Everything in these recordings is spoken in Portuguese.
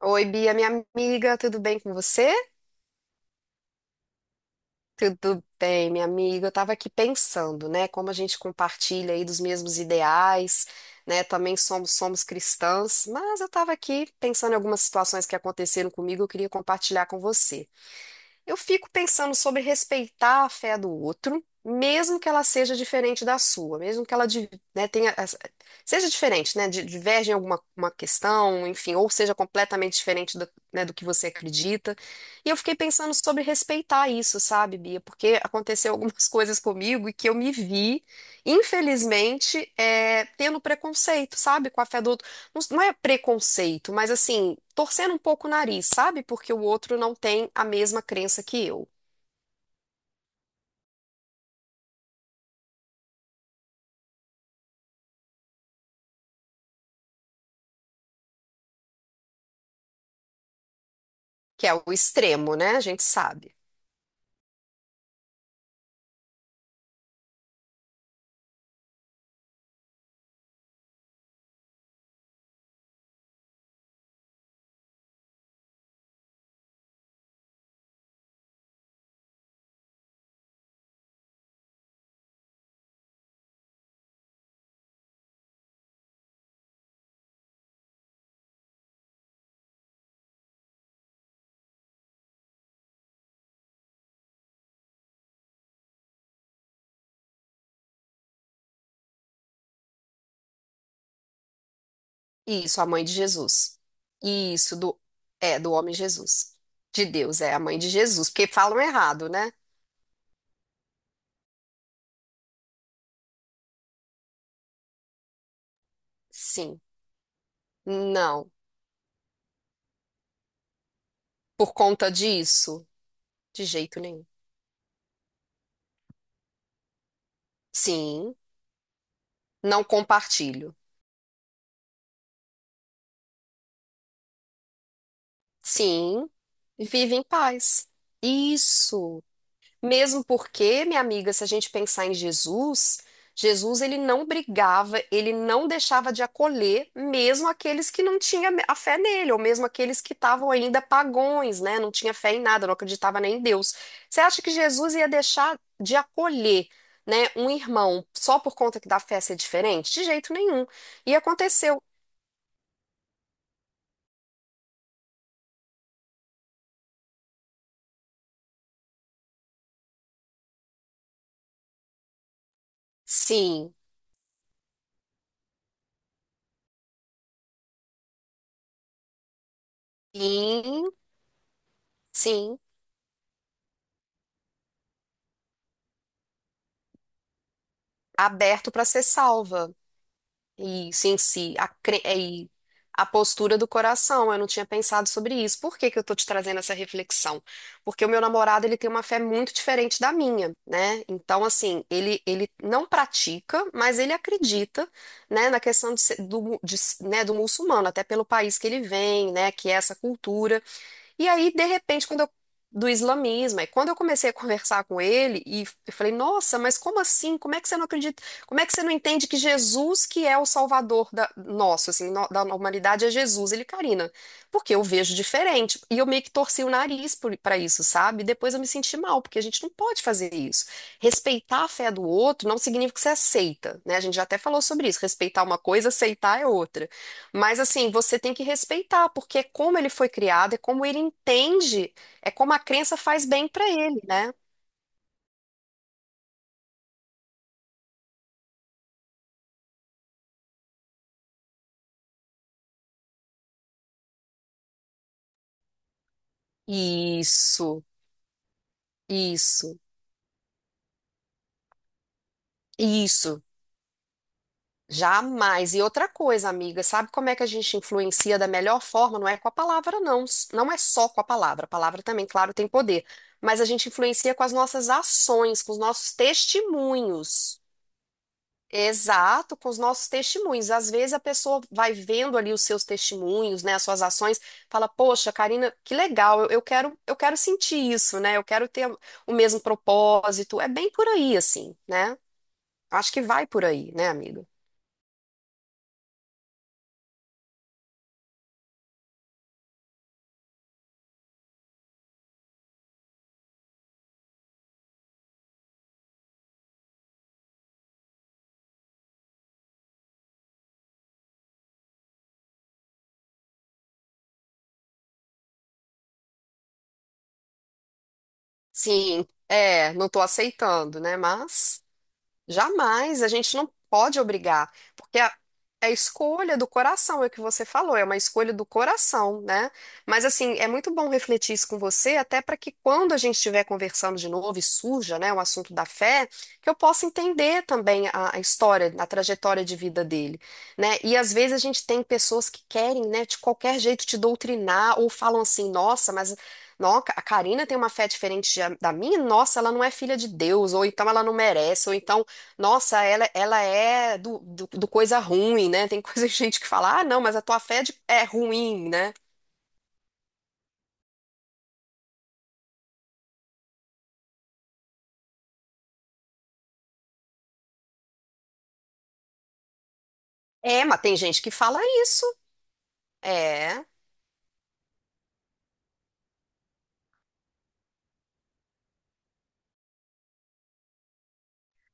Oi, Bia, minha amiga, tudo bem com você? Tudo bem, minha amiga. Eu estava aqui pensando, né, como a gente compartilha aí dos mesmos ideais, né? Também somos cristãs, mas eu estava aqui pensando em algumas situações que aconteceram comigo, eu queria compartilhar com você. Eu fico pensando sobre respeitar a fé do outro, mesmo que ela seja diferente da sua, mesmo que né, seja diferente, né, diverge em alguma uma questão, enfim, ou seja completamente diferente do, né, do que você acredita. E eu fiquei pensando sobre respeitar isso, sabe, Bia? Porque aconteceu algumas coisas comigo e que eu me vi, infelizmente, tendo preconceito, sabe, com a fé do Não é preconceito, mas assim, torcendo um pouco o nariz, sabe? Porque o outro não tem a mesma crença que eu, que é o extremo, né? A gente sabe. Isso, a mãe de Jesus. Isso, do homem Jesus. De Deus, é a mãe de Jesus. Porque falam errado, né? Sim. Não. Por conta disso? De jeito nenhum. Sim. Não compartilho. Sim. Vive em paz. Isso. Mesmo porque, minha amiga, se a gente pensar em Jesus, Jesus ele não brigava, ele não deixava de acolher mesmo aqueles que não tinham a fé nele, ou mesmo aqueles que estavam ainda pagões, né? Não tinha fé em nada, não acreditava nem em Deus. Você acha que Jesus ia deixar de acolher, né, um irmão só por conta que da fé ser diferente? De jeito nenhum. E aconteceu. Sim, sim, sim, aberto para ser salva. Isso em si, e a postura do coração. Eu não tinha pensado sobre isso. Por que que eu tô te trazendo essa reflexão? Porque o meu namorado, ele tem uma fé muito diferente da minha, né? Então, assim, ele não pratica, mas ele acredita, né, na questão de, ser- do, mu- de s- né, do muçulmano, até pelo país que ele vem, né, que é essa cultura. E aí, de repente, do islamismo, aí quando eu comecei a conversar com ele, eu falei, nossa, mas como assim? Como é que você não acredita? Como é que você não entende que Jesus que é o salvador da, nosso, assim, da humanidade é Jesus? Ele, Karina, porque eu vejo diferente. E eu meio que torci o nariz para isso, sabe? Depois eu me senti mal, porque a gente não pode fazer isso. Respeitar a fé do outro não significa que você aceita, né? A gente já até falou sobre isso. Respeitar uma coisa, aceitar é outra. Mas assim, você tem que respeitar, porque é como ele foi criado, é como ele entende, é como a crença faz bem pra ele, né? Isso, isso, isso. Jamais. E outra coisa, amiga, sabe como é que a gente influencia da melhor forma? Não é com a palavra, não. Não é só com a palavra. A palavra também, claro, tem poder. Mas a gente influencia com as nossas ações, com os nossos testemunhos. Exato, com os nossos testemunhos. Às vezes a pessoa vai vendo ali os seus testemunhos, né, as suas ações, fala, poxa, Karina, que legal, eu quero sentir isso, né? Eu quero ter o mesmo propósito. É bem por aí, assim, né? Acho que vai por aí, né, amiga? Sim, é, não tô aceitando, né? Mas. Jamais, a gente não pode obrigar, porque a, é escolha do coração, é o que você falou, é uma escolha do coração, né? Mas assim, é muito bom refletir isso com você, até para que quando a gente estiver conversando de novo e surja, né, o assunto da fé, que eu possa entender também a história, a trajetória de vida dele, né? E às vezes a gente tem pessoas que querem, né, de qualquer jeito te doutrinar ou falam assim, nossa, mas não, a Karina tem uma fé diferente da minha, nossa, ela não é filha de Deus, ou então ela não merece, ou então nossa, ela é do coisa ruim, né? Tem coisa gente que fala, ah, não, mas a tua fé é ruim, né? É, mas tem gente que fala isso. É,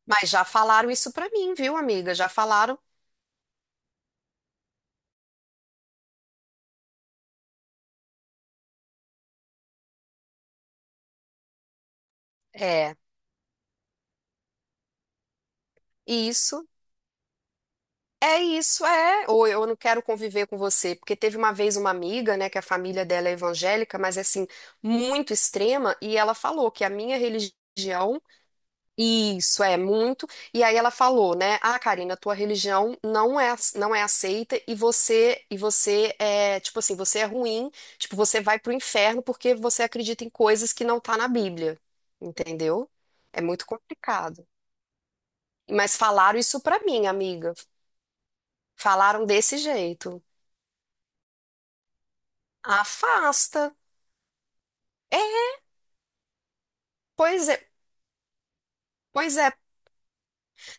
mas já falaram isso pra mim, viu, amiga? Já falaram, é, isso, é isso, é. Ou eu não quero conviver com você, porque teve uma vez uma amiga, né, que a família dela é evangélica, mas é assim, muito extrema, e ela falou que a minha religião isso é muito. E aí ela falou, né? Ah, Karina, tua religião não é aceita e você é, tipo assim, você é ruim, tipo, você vai pro inferno porque você acredita em coisas que não tá na Bíblia. Entendeu? É muito complicado. Mas falaram isso pra mim, amiga. Falaram desse jeito. Afasta. É, pois é, pois é.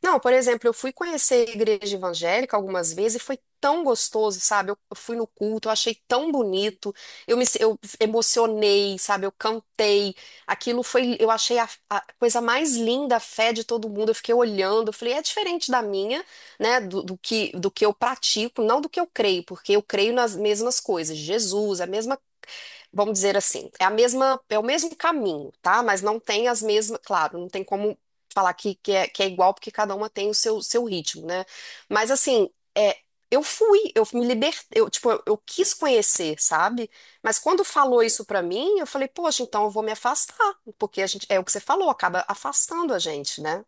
Não, por exemplo, eu fui conhecer a igreja evangélica algumas vezes e foi tão gostoso, sabe? Eu fui no culto, eu achei tão bonito, eu emocionei, sabe? Eu cantei. Aquilo foi, eu achei a coisa mais linda, a fé de todo mundo. Eu fiquei olhando, eu falei, é diferente da minha, né? Do que eu pratico, não do que eu creio, porque eu creio nas mesmas coisas, Jesus, a mesma, vamos dizer assim, é a mesma, é o mesmo caminho, tá? Mas não tem as mesmas, claro, não tem como falar que é igual, porque cada uma tem o seu, seu ritmo, né? Mas assim, é, eu fui, eu me libertei, eu quis conhecer, sabe? Mas quando falou isso pra mim, eu falei, poxa, então eu vou me afastar, porque a gente, é o que você falou, acaba afastando a gente, né?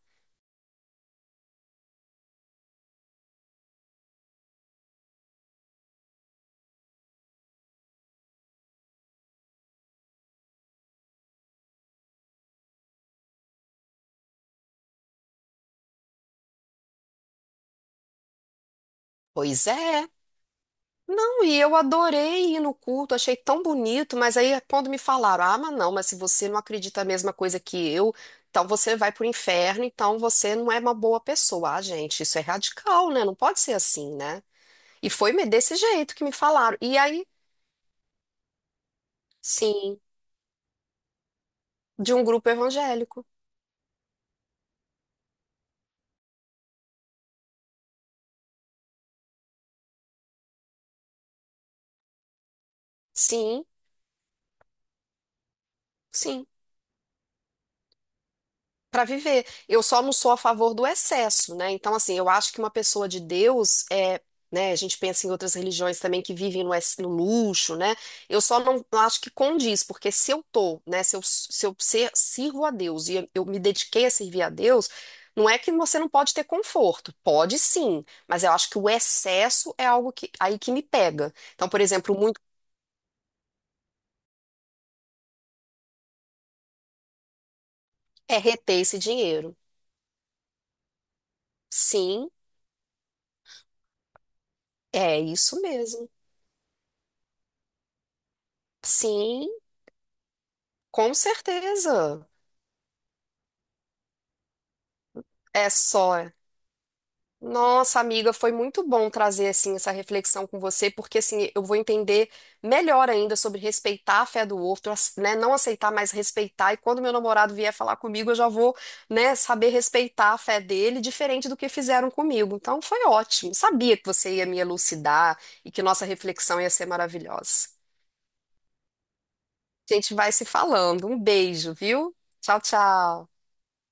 Pois é. Não, e eu adorei ir no culto, achei tão bonito, mas aí é quando me falaram, ah, mas não, mas se você não acredita a mesma coisa que eu, então você vai pro inferno, então você não é uma boa pessoa. Ah, gente, isso é radical, né? Não pode ser assim, né? E foi desse jeito que me falaram. E aí, sim, de um grupo evangélico. Sim, sim. Para viver. Eu só não sou a favor do excesso, né? Então, assim, eu acho que uma pessoa de Deus é. Né, a gente pensa em outras religiões também que vivem no, no luxo, né? Eu só não acho que condiz, porque se eu tô, né, se eu, se eu ser, sirvo a Deus e eu me dediquei a servir a Deus, não é que você não pode ter conforto, pode sim, mas eu acho que o excesso é algo que me pega. Então, por exemplo, muito é reter esse dinheiro. Sim, é isso mesmo. Sim, com certeza. É só. Nossa, amiga, foi muito bom trazer assim essa reflexão com você, porque assim eu vou entender melhor ainda sobre respeitar a fé do outro, né? Não aceitar, mas respeitar. E quando meu namorado vier falar comigo, eu já vou, né, saber respeitar a fé dele, diferente do que fizeram comigo. Então foi ótimo. Sabia que você ia me elucidar e que nossa reflexão ia ser maravilhosa. A gente vai se falando. Um beijo, viu? Tchau, tchau.